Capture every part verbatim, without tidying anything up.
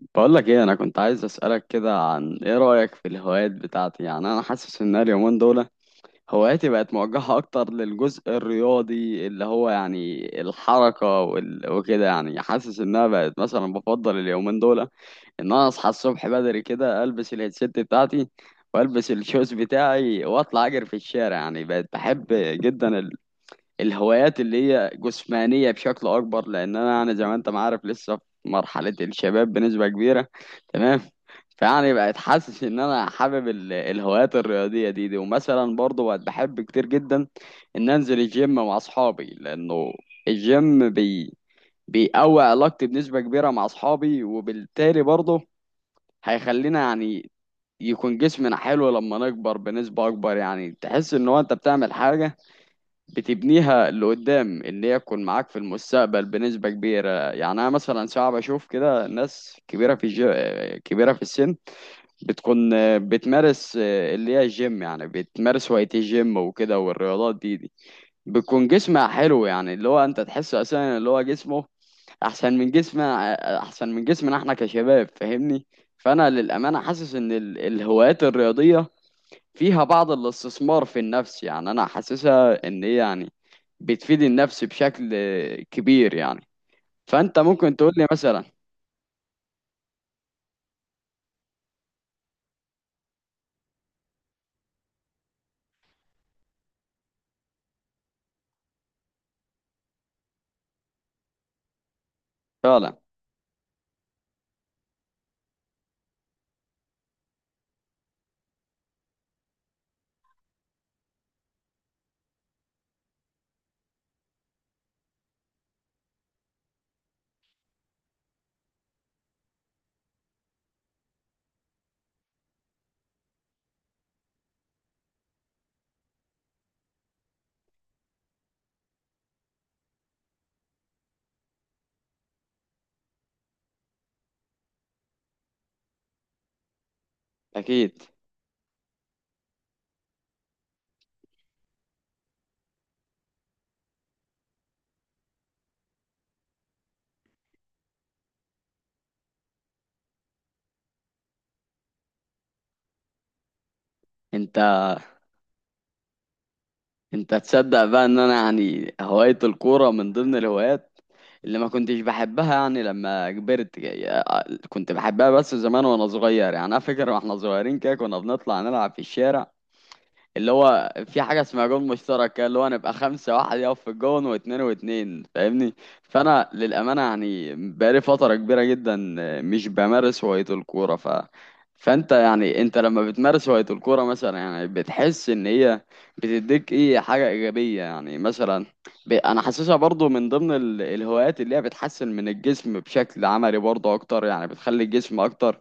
بقولك ايه، انا كنت عايز اسالك كده عن ايه رايك في الهوايات بتاعتي. يعني انا حاسس ان أنا اليومين دول هواياتي بقت موجهه اكتر للجزء الرياضي اللي هو يعني الحركه وال- وكده. يعني حاسس انها بقت مثلا بفضل اليومين دول ان انا اصحى الصبح بدري كده، البس الهيدسيت بتاعتي والبس الشوز بتاعي واطلع اجري في الشارع. يعني بقت بحب جدا الهوايات اللي هي جسمانية بشكل أكبر، لأن أنا يعني زي ما أنت ما عارف لسه في مرحلة الشباب بنسبة كبيرة. تمام. فيعني بقت حاسس إن أنا حابب ال- الهوايات الرياضية دي دي، ومثلا برضه بقت بحب كتير جدا إن أنزل الجيم مع أصحابي، لأنه الجيم بي بيقوي علاقتي بنسبة كبيرة مع أصحابي، وبالتالي برضه هيخلينا يعني يكون جسمنا حلو لما نكبر بنسبة أكبر. يعني تحس إن هو أنت بتعمل حاجة بتبنيها لقدام ان هي تكون معاك في المستقبل بنسبة كبيرة. يعني انا مثلا ساعات بشوف كده ناس كبيرة في الج... كبيرة في السن بتكون بتمارس اللي هي الجيم، يعني بتمارس هواية الجيم وكده والرياضات دي دي، بتكون جسمها حلو. يعني اللي هو انت تحس اساسا اللي هو جسمه احسن من جسمنا احسن من جسمنا احنا كشباب، فاهمني؟ فانا للامانة حاسس ان ال... الهوايات الرياضية فيها بعض الاستثمار في النفس. يعني انا حاسسها ان هي يعني بتفيد النفس بشكل كبير يعني. فانت ممكن تقول لي مثلا. فعلا. اكيد. انت انت تصدق بقى ان انا يعني هواية الكورة من ضمن الهوايات اللي ما كنتش بحبها يعني لما كبرت. يعني كنت بحبها بس زمان وانا صغير. يعني انا فاكر واحنا صغيرين كده كنا بنطلع نلعب في الشارع اللي هو في حاجة اسمها جون مشترك كده، اللي هو نبقى خمسة، واحد يقف في الجون واتنين واتنين، فاهمني؟ فأنا للأمانة يعني بقالي فترة كبيرة جدا مش بمارس هواية الكورة. ف فأنت يعني أنت لما بتمارس هواية الكورة مثلا، يعني بتحس إن هي بتديك إيه حاجة إيجابية؟ يعني مثلا ب... أنا حاسسها برضو من ضمن ال... الهوايات اللي هي بتحسن من الجسم بشكل عملي برضو أكتر، يعني بتخلي الجسم أكتر.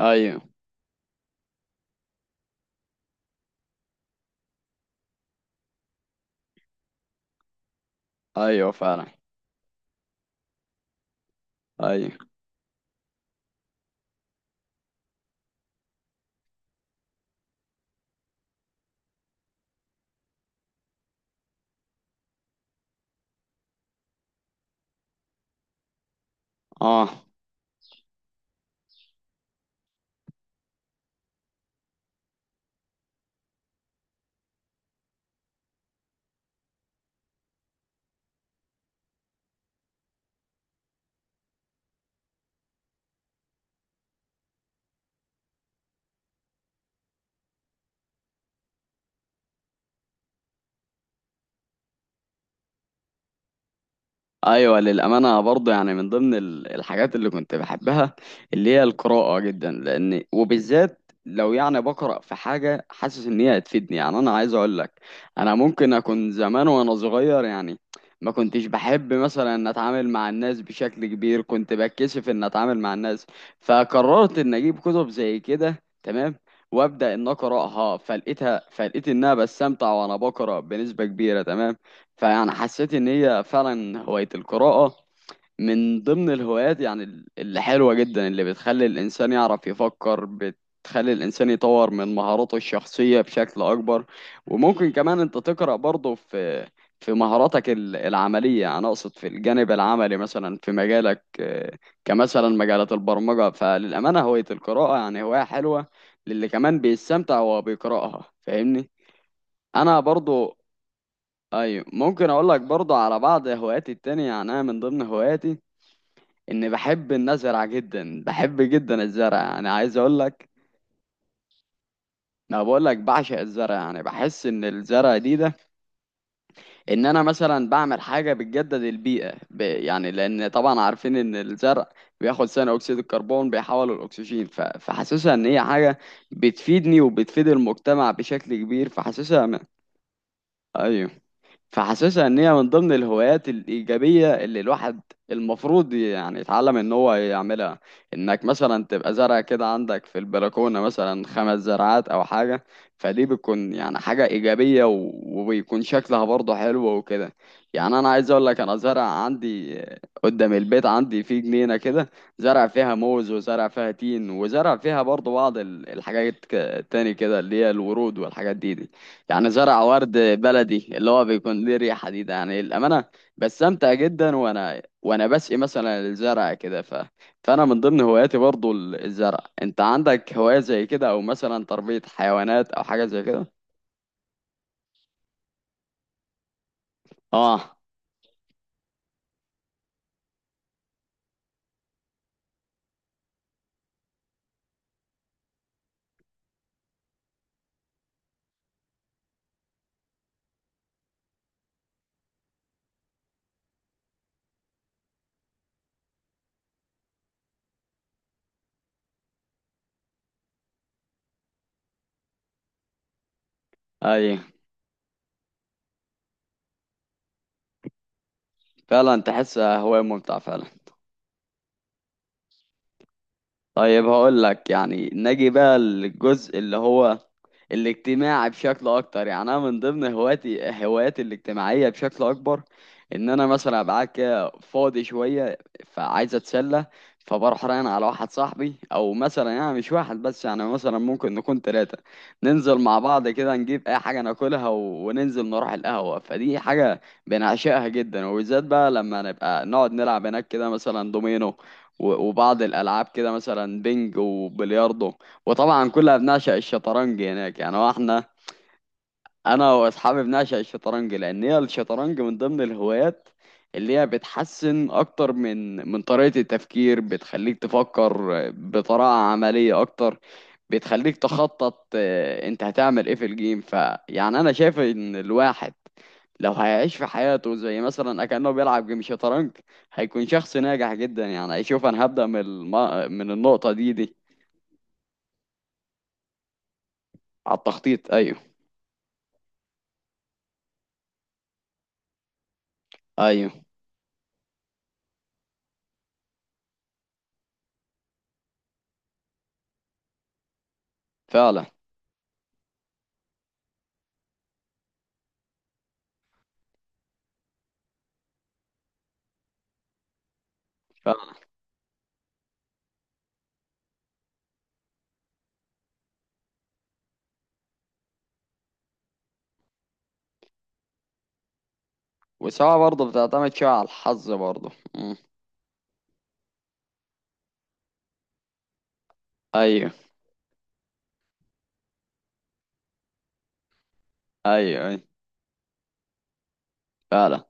أيوه. أيوه، فعلا. أيوه. آه. ايوه، للامانه برضه يعني من ضمن ال- الحاجات اللي كنت بحبها اللي هي القراءه جدا، لان وبالذات لو يعني بقرا في حاجه حاسس ان هي هتفيدني. يعني انا عايز اقول لك انا ممكن اكون زمان وانا صغير يعني ما كنتش بحب مثلا ان اتعامل مع الناس بشكل كبير، كنت بتكسف ان اتعامل مع الناس، فقررت ان اجيب كتب زي كده. تمام. وابدا ان اقراها، فلقيتها، فلقيت انها بستمتع وانا بقرا بنسبه كبيره. تمام. فيعني حسيت ان هي فعلا هواية القراءة من ضمن الهوايات يعني ال- اللي حلوة جدا، اللي بتخلي الانسان يعرف يفكر، بتخلي الانسان يطور من مهاراته الشخصية بشكل اكبر. وممكن كمان انت تقرأ برضه في في مهاراتك ال- العملية، انا اقصد في الجانب العملي مثلا في مجالك. آه، كمثلا مجالات البرمجة. فللأمانة هواية القراءة يعني هواية حلوة، للي كمان بيستمتع وهو بيقرأها، فاهمني؟ انا برضو. ايوه، ممكن اقول لك برضه على بعض هواياتي التانية. يعني انا من ضمن هواياتي اني بحب ان ازرع جدا، بحب جدا الزرع. يعني عايز اقول لك، ما بقول لك بعشق الزرع. يعني بحس ان الزرع دي ده ان انا مثلا بعمل حاجة بتجدد البيئة ب... يعني لان طبعا عارفين ان الزرع بياخد ثاني اكسيد الكربون بيحوله الاكسجين. ف... فحاسسها ان هي حاجة بتفيدني وبتفيد المجتمع بشكل كبير. فحاسسها م... ايوه، فحاسسها ان هي من ضمن الهوايات الايجابيه اللي الواحد المفروض يعني يتعلم ان هو يعملها. انك مثلا تبقى زرع كده عندك في البلكونه مثلا خمس زرعات او حاجه، فدي بتكون يعني حاجه ايجابيه، و- وبيكون شكلها برضه حلو وكده. يعني انا عايز اقول لك انا زرع عندي قدام البيت، عندي في جنينه كده زرع فيها موز وزرع فيها تين وزرع فيها برضه بعض ال- الحاجات ك- تاني كده اللي هي الورود والحاجات دي. يعني زرع ورد بلدي اللي هو بيكون ليه ريحة دي ده. يعني الأمانة بستمتع جدا وأنا وأنا بسقي مثلا الزرع كده. ف... فأنا من ضمن هواياتي برضو ال- الزرع. أنت عندك هواية زي كده أو مثلا تربية حيوانات أو حاجة زي كده؟ آه. أي. فعلا، تحسها هواية ممتعة فعلا. طيب هقول لك، يعني نجي بقى للجزء اللي هو الاجتماعي بشكل اكتر. يعني انا من ضمن هواياتي هواياتي الاجتماعيه بشكل اكبر، ان انا مثلا ابقى قاعد كده فاضي شويه، فعايز اتسلى، فبروح رايح على واحد صاحبي، او مثلا يعني مش واحد بس، يعني مثلا ممكن نكون ثلاثه ننزل مع بعض كده، نجيب اي حاجه ناكلها و- وننزل نروح القهوه. فدي حاجه بنعشقها جدا، وبالذات بقى لما نبقى نقعد نلعب هناك كده مثلا دومينو و- وبعض الالعاب كده مثلا بينج وبلياردو، وطبعا كلها بنعشق الشطرنج هناك. يعني هو احنا انا واصحابي بنعشق الشطرنج، لان هي الشطرنج من ضمن الهوايات اللي هي بتحسن اكتر من من طريقة التفكير، بتخليك تفكر بطريقة عملية اكتر، بتخليك تخطط. آه، انت هتعمل ايه في الجيم. فيعني انا شايف ان الواحد لو هيعيش في حياته زي مثلا أكأنه بيلعب جيم شطرنج هيكون شخص ناجح جدا. يعني هيشوف أنا هبدأ من الم... من النقطة دي دي. على التخطيط، أيوه. أيوه، فعلا. فعلا. والسواقة برضه بتعتمد شوية على الحظ برضه. مم. أيوه. أيوه. أيوه، فعلا.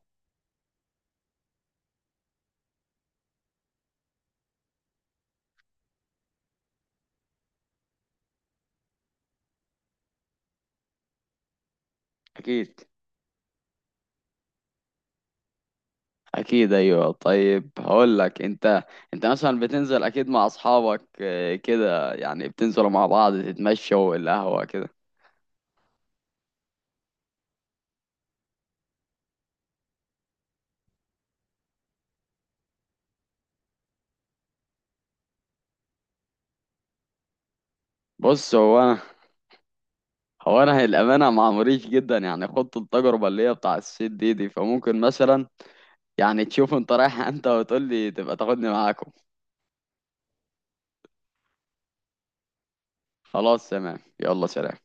أكيد. أكيد، أيوه. طيب هقول لك، أنت أنت مثلا بتنزل أكيد مع أصحابك. آه، كده يعني بتنزلوا مع بعض تتمشوا القهوة كده. بص هو أنا. هو انا للامانه مع مريش جدا، يعني خدت التجربه اللي هي بتاع السيت دي دي، فممكن مثلا يعني تشوف انت رايح انت وتقول لي تبقى تاخدني معاكم. خلاص، تمام، يلا سلام.